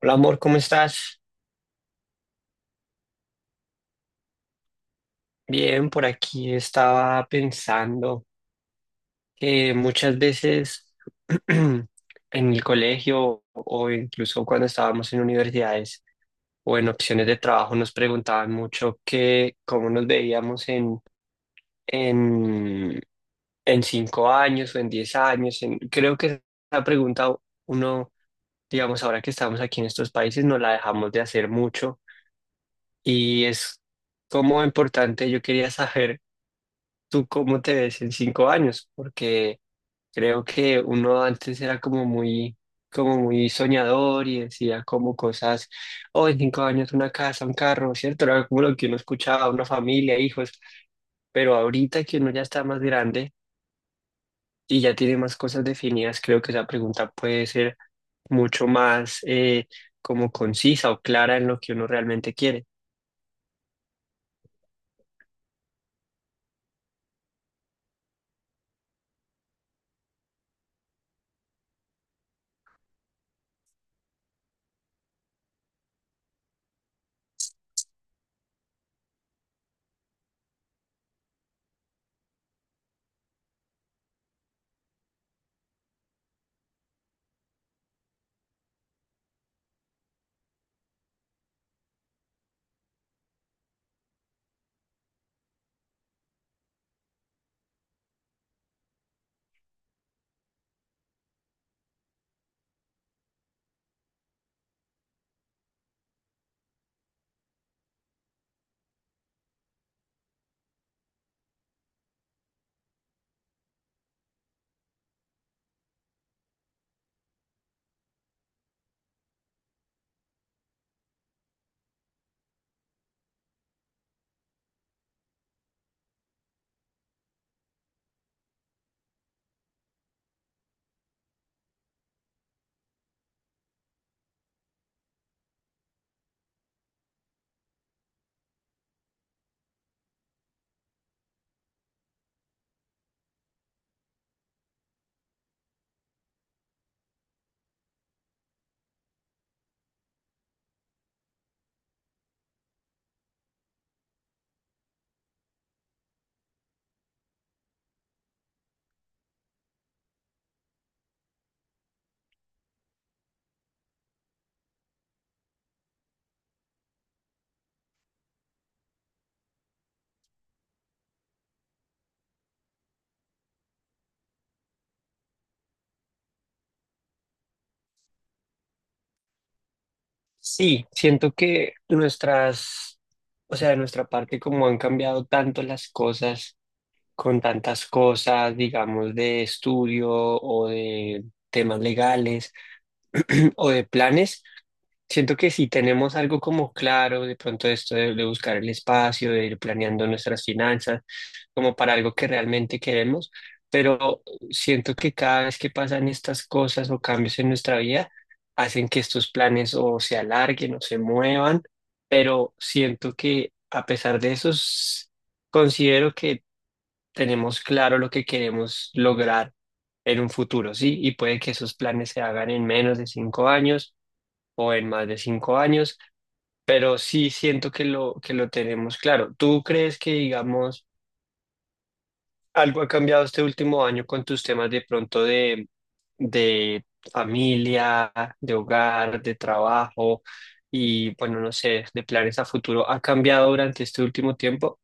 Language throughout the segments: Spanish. Hola amor, ¿cómo estás? Bien, por aquí estaba pensando que muchas veces en el colegio o incluso cuando estábamos en universidades o en opciones de trabajo nos preguntaban mucho que cómo nos veíamos en, en 5 años o en 10 años. Creo que esa pregunta uno, digamos, ahora que estamos aquí en estos países, nos la dejamos de hacer mucho. Y es como importante, yo quería saber tú cómo te ves en 5 años, porque creo que uno antes era como muy soñador y decía como cosas, oh, en 5 años una casa, un carro, ¿cierto? Era como lo que uno escuchaba, una familia, hijos, pero ahorita que uno ya está más grande y ya tiene más cosas definidas, creo que esa pregunta puede ser mucho más como concisa o clara en lo que uno realmente quiere. Sí, siento que nuestras, o sea, de nuestra parte, como han cambiado tanto las cosas, con tantas cosas, digamos, de estudio o de temas legales o de planes. Siento que si tenemos algo como claro, de pronto esto de buscar el espacio, de ir planeando nuestras finanzas, como para algo que realmente queremos, pero siento que cada vez que pasan estas cosas o cambios en nuestra vida, hacen que estos planes o se alarguen o se muevan, pero siento que a pesar de eso, considero que tenemos claro lo que queremos lograr en un futuro, ¿sí? Y puede que esos planes se hagan en menos de 5 años o en más de 5 años, pero sí siento que que lo tenemos claro. ¿Tú crees que, digamos, algo ha cambiado este último año con tus temas de pronto de familia, de hogar, de trabajo y, bueno, no sé, de planes a futuro? ¿Ha cambiado durante este último tiempo?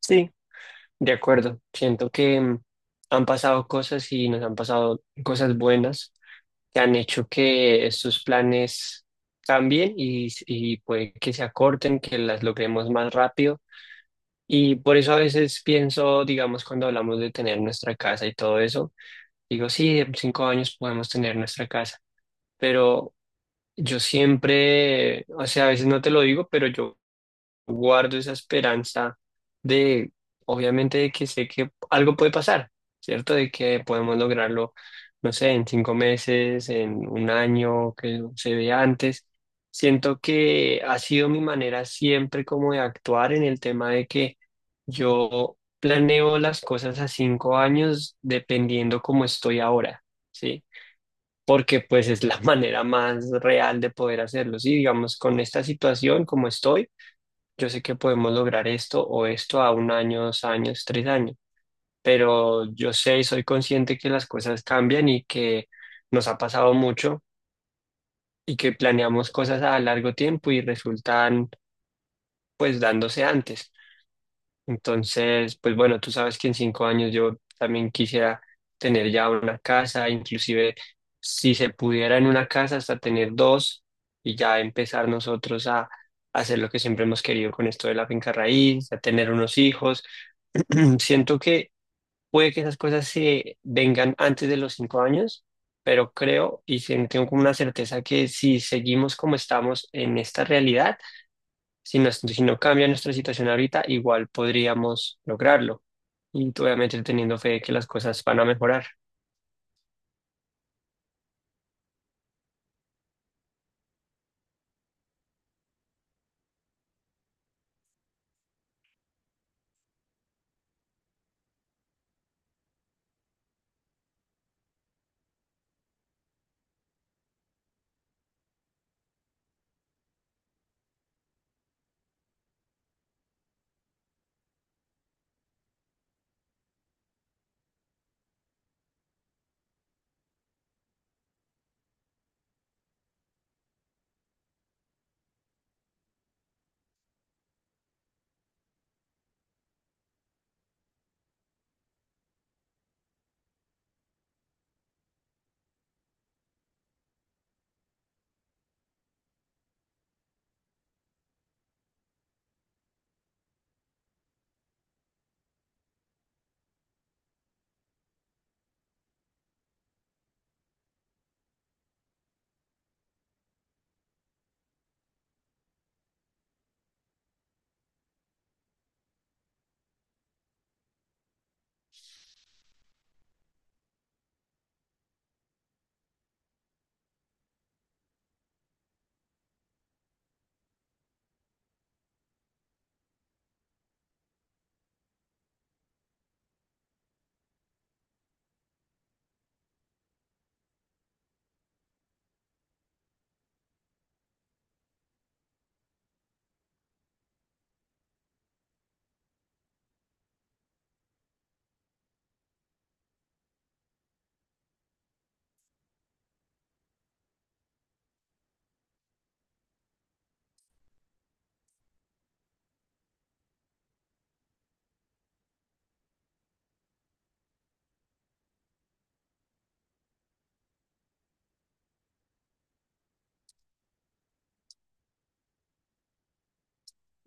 Sí, de acuerdo. Siento que han pasado cosas y nos han pasado cosas buenas que han hecho que estos planes cambien y puede que se acorten, que las logremos más rápido. Y por eso a veces pienso, digamos, cuando hablamos de tener nuestra casa y todo eso, digo, sí, en 5 años podemos tener nuestra casa, pero yo siempre, o sea, a veces no te lo digo, pero yo guardo esa esperanza de, obviamente, de que sé que algo puede pasar, ¿cierto? De que podemos lograrlo, no sé, en 5 meses, en un año, que se vea antes. Siento que ha sido mi manera siempre como de actuar en el tema de que yo planeo las cosas a 5 años dependiendo cómo estoy ahora, ¿sí? Porque pues es la manera más real de poder hacerlo, ¿sí? Digamos, con esta situación como estoy, yo sé que podemos lograr esto o esto a un año, 2 años, 3 años, pero yo sé y soy consciente que las cosas cambian y que nos ha pasado mucho y que planeamos cosas a largo tiempo y resultan pues dándose antes. Entonces, pues bueno, tú sabes que en 5 años yo también quisiera tener ya una casa, inclusive si se pudiera en una casa hasta tener dos y ya empezar nosotros a hacer lo que siempre hemos querido con esto de la finca raíz, a tener unos hijos. Siento que puede que esas cosas se vengan antes de los 5 años, pero creo y tengo como una certeza que si seguimos como estamos en esta realidad, si no, si no cambia nuestra situación ahorita, igual podríamos lograrlo. Y obviamente teniendo fe de que las cosas van a mejorar.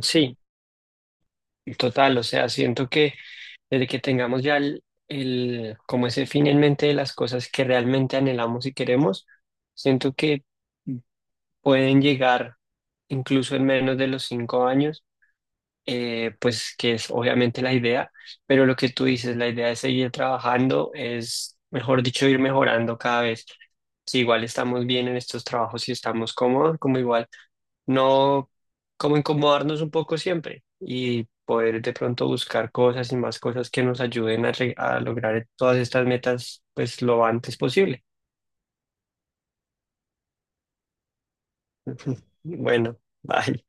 Sí, total, o sea, siento que desde que tengamos ya el como ese fin en mente de las cosas que realmente anhelamos y queremos, siento que pueden llegar incluso en menos de los 5 años, pues que es obviamente la idea, pero lo que tú dices, la idea es seguir trabajando, es, mejor dicho, ir mejorando cada vez. Si igual estamos bien en estos trabajos y estamos cómodos, como igual no como incomodarnos un poco siempre y poder de pronto buscar cosas y más cosas que nos ayuden a, a lograr todas estas metas pues lo antes posible. Bueno, bye.